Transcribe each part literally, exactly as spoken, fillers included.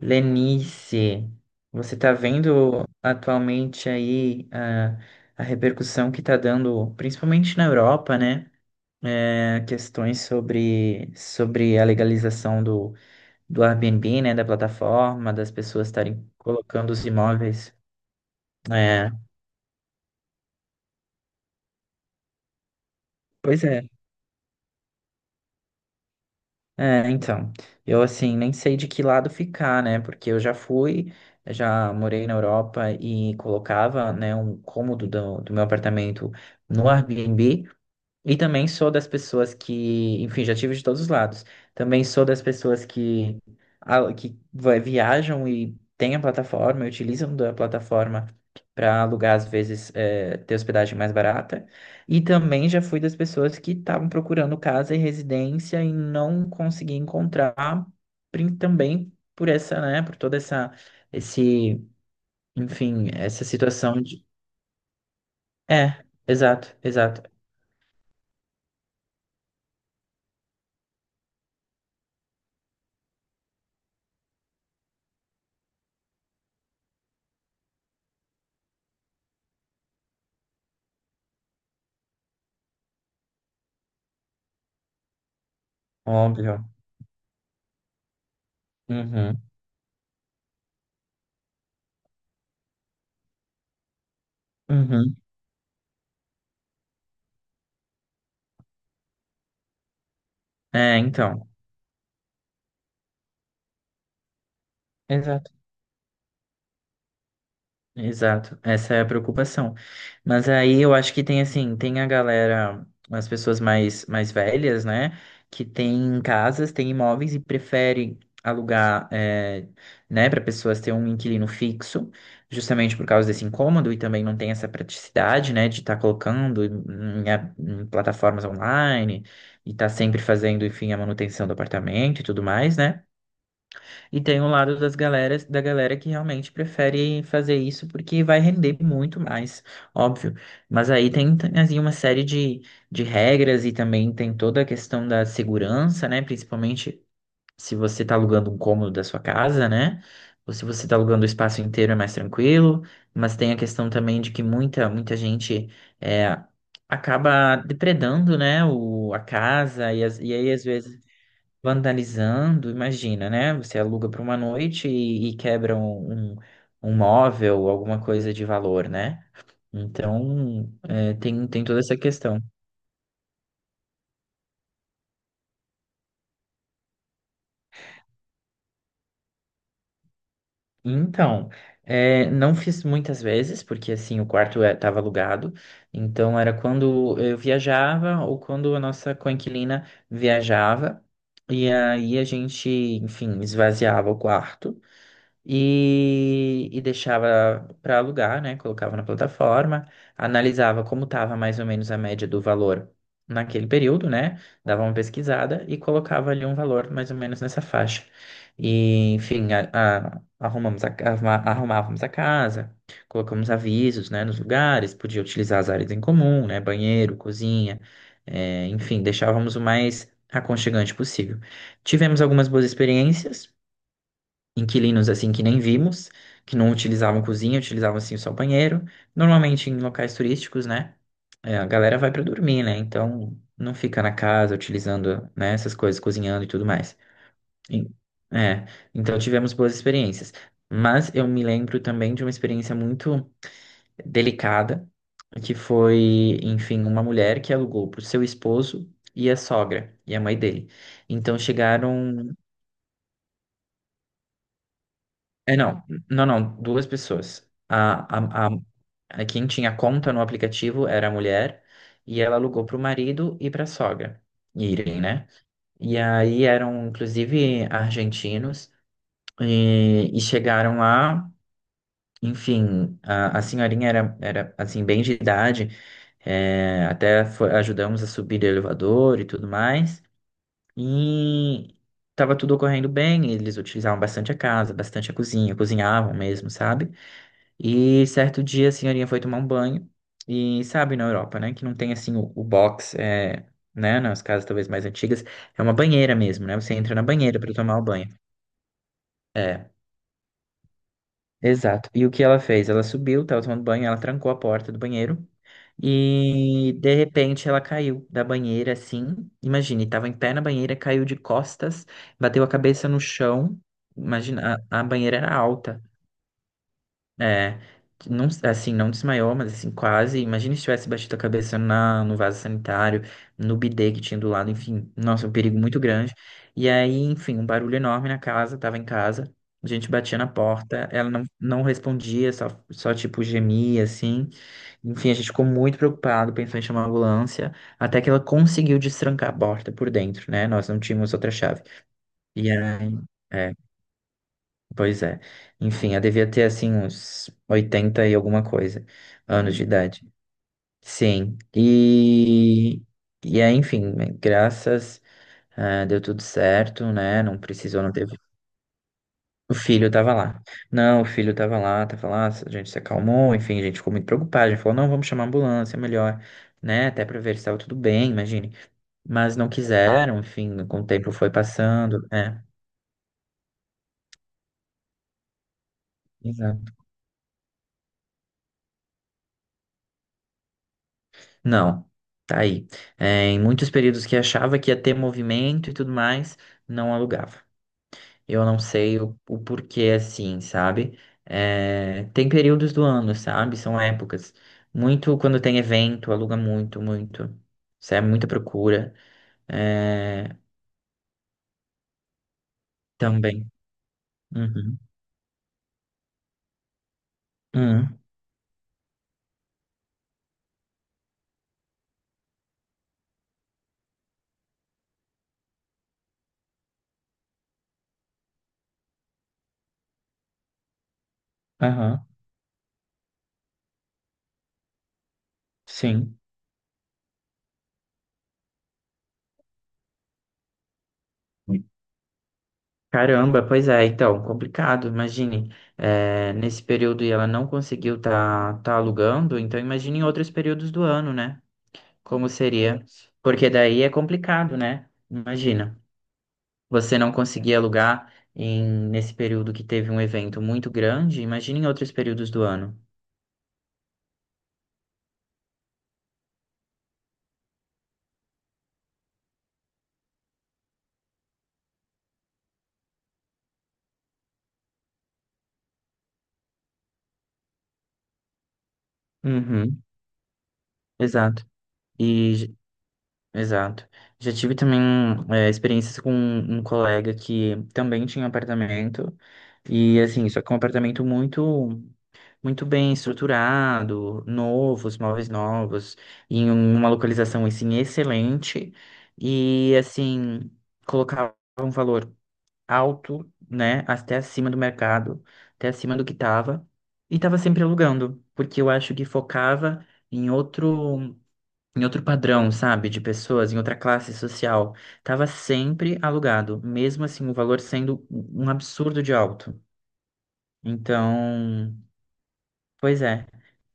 Lenice, você está vendo atualmente aí a, a repercussão que está dando, principalmente na Europa, né? É, questões sobre, sobre a legalização do, do Airbnb, né? Da plataforma, das pessoas estarem colocando os imóveis. É, pois é. É, então, eu assim, nem sei de que lado ficar, né? Porque eu já fui, já morei na Europa e colocava, né, um cômodo do, do meu apartamento no Airbnb. E também sou das pessoas que, enfim, já tive de todos os lados. Também sou das pessoas que, a- que vai- viajam e têm a plataforma, e utilizam da plataforma para alugar, às vezes, eh, ter hospedagem mais barata. E também já fui das pessoas que estavam procurando casa e residência e não consegui encontrar, prin- também por essa, né, por toda essa, esse, enfim, essa situação de... É, exato, exato, óbvio. Uhum. Uhum. É, então. Exato. Exato, essa é a preocupação. Mas aí eu acho que tem assim, tem a galera, as pessoas mais mais velhas, né, que tem casas, tem imóveis e prefere alugar, é, né, para pessoas ter um inquilino fixo, justamente por causa desse incômodo e também não tem essa praticidade, né, de estar colocando em, a- em plataformas online e estar sempre fazendo, enfim, a manutenção do apartamento e tudo mais, né? E tem um lado das galeras, da galera que realmente prefere fazer isso porque vai render muito mais, óbvio. Mas aí tem, tem, assim, uma série de, de regras e também tem toda a questão da segurança, né? Principalmente se você está alugando um cômodo da sua casa, né? Ou se você está alugando o espaço inteiro é mais tranquilo. Mas tem a questão também de que muita, muita gente é, acaba depredando, né? O, a casa e, as, e aí às vezes vandalizando, imagina, né? Você aluga para uma noite e, e quebra um, um, um móvel, alguma coisa de valor, né? Então, é, tem, tem toda essa questão. Então, é, não fiz muitas vezes, porque assim, o quarto estava alugado, então era quando eu viajava ou quando a nossa coinquilina viajava, e aí a gente, enfim, esvaziava o quarto. E, e deixava para alugar, né? Colocava na plataforma, analisava como estava mais ou menos a média do valor naquele período, né? Dava uma pesquisada e colocava ali um valor mais ou menos nessa faixa. E, enfim, a- a- arrumamos a, ca- arruma- arrumávamos a casa, colocamos avisos, né, nos lugares, podia utilizar as áreas em comum, né? Banheiro, cozinha, eh, enfim, deixávamos o mais aconchegante possível. Tivemos algumas boas experiências, inquilinos assim que nem vimos, que não utilizavam cozinha, utilizavam assim só banheiro. Normalmente em locais turísticos, né? É, a galera vai pra dormir, né? Então não fica na casa utilizando, né, essas coisas, cozinhando e tudo mais. E- é, então tivemos boas experiências. Mas eu me lembro também de uma experiência muito delicada, que foi, enfim, uma mulher que alugou para o seu esposo e a sogra e a mãe dele. Então chegaram. É, não, não, não, duas pessoas. A, a, a, a- Quem tinha conta no aplicativo era a mulher e ela alugou para o marido e para a sogra irem, né? E aí eram, inclusive, argentinos e, e chegaram lá, enfim, a, a senhorinha era, era, assim, bem de idade, é, até foi- ajudamos a subir o elevador e tudo mais, e estava tudo ocorrendo bem, eles utilizavam bastante a casa, bastante a cozinha, cozinhavam mesmo, sabe? E certo dia assim, a senhorinha foi tomar um banho. E sabe, na Europa, né? Que não tem assim o, o box, é, né? Nas casas talvez mais antigas, é uma banheira mesmo, né? Você entra na banheira para tomar o banho. É, exato. E o que ela fez? Ela subiu, tava tomando banho, ela trancou a porta do banheiro. E de repente ela caiu da banheira assim. Imagine, tava em pé na banheira, caiu de costas, bateu a cabeça no chão. Imagina, a, a banheira era alta. É, não, assim, não desmaiou, mas assim, quase. Imagina se tivesse batido a cabeça na, no vaso sanitário, no bidê que tinha do lado, enfim. Nossa, um perigo muito grande. E aí, enfim, um barulho enorme na casa, tava em casa. A gente batia na porta, ela não, não respondia, só, só tipo gemia, assim. Enfim, a gente ficou muito preocupado, pensou em chamar a ambulância, até que ela conseguiu destrancar a porta por dentro, né? Nós não tínhamos outra chave. E aí, é. Pois é. Enfim, eu devia ter assim uns oitenta e alguma coisa anos de Uhum. idade. Sim. E, e aí, enfim, né, graças, ah, deu tudo certo, né? Não precisou, não teve. O filho tava lá. Não, o filho tava lá, tava lá, a gente se acalmou, enfim, a gente ficou muito preocupado. A gente falou, não, vamos chamar a ambulância, é melhor, né? Até pra ver se estava tudo bem, imagine. Mas não quiseram, enfim, com o tempo foi passando, né? Não, tá aí. É, em muitos períodos que achava que ia ter movimento e tudo mais, não alugava. Eu não sei o, o porquê assim, sabe? É, tem períodos do ano, sabe? São épocas. Muito quando tem evento, aluga muito, muito. Isso é muita procura. É, também. Uhum. Uhum. Aham. Sim. Caramba, pois é, então, complicado, imagine, eh, nesse período e ela não conseguiu tá, tá alugando, então imagine em outros períodos do ano, né? Como seria? Porque daí é complicado, né? Imagina, você não conseguir alugar em, nesse período que teve um evento muito grande, imagine em outros períodos do ano. Uhum, exato. E, j- Exato. Já tive também, eh, experiências com um colega que também tinha apartamento, e assim, só que é um apartamento muito muito bem estruturado, novos, móveis novos, em um- uma localização assim excelente e assim colocava um valor alto, né, até acima do mercado, até acima do que estava e estava sempre alugando, porque eu acho que focava em outro, em outro padrão, sabe, de pessoas, em outra classe social, tava sempre alugado, mesmo assim o valor sendo um absurdo de alto. Então, pois é.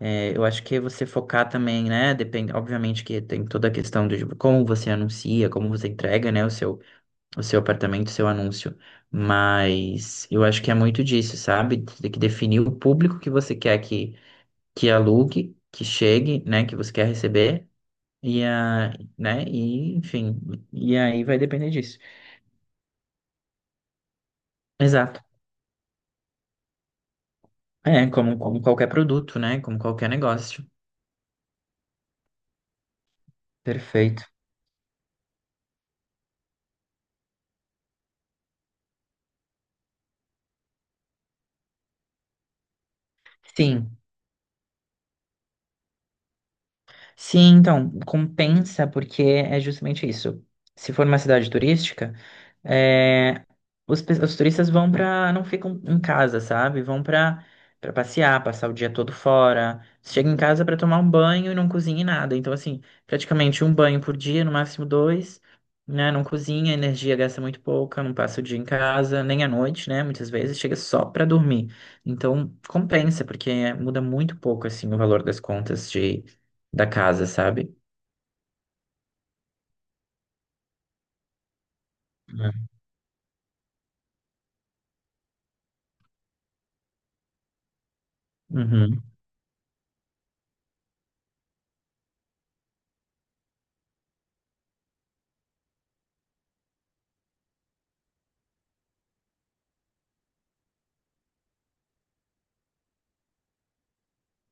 É, eu acho que você focar também, né? Depende, obviamente que tem toda a questão de tipo, como você anuncia, como você entrega, né, o seu, o seu apartamento, o seu anúncio. Mas eu acho que é muito disso, sabe? Tem que definir o público que você quer que, que alugue, que chegue, né? Que você quer receber. E a, né? E, enfim, e aí vai depender disso. Exato. É, como, como qualquer produto, né? Como qualquer negócio. Perfeito. Sim. Sim, então, compensa porque é justamente isso. Se for uma cidade turística, é, os, pe- os turistas vão para, não ficam em casa, sabe? Vão para para passear, passar o dia todo fora. Chega em casa para tomar um banho e não cozinha em nada. Então, assim, praticamente um banho por dia, no máximo dois, né? Não cozinha, a energia gasta muito pouca, não passa o dia em casa, nem à noite, né? Muitas vezes chega só para dormir. Então, compensa, porque é, muda muito pouco, assim, o valor das contas de da casa, sabe? Né? Uhum,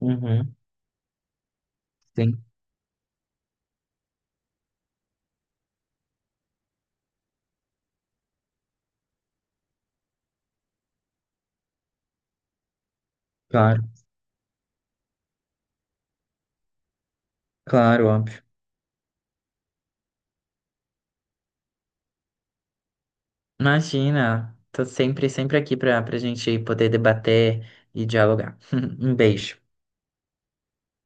uhum, sim, claro, claro, óbvio. Imagina, tô sempre, sempre aqui pra, pra gente poder debater e dialogar. Um beijo.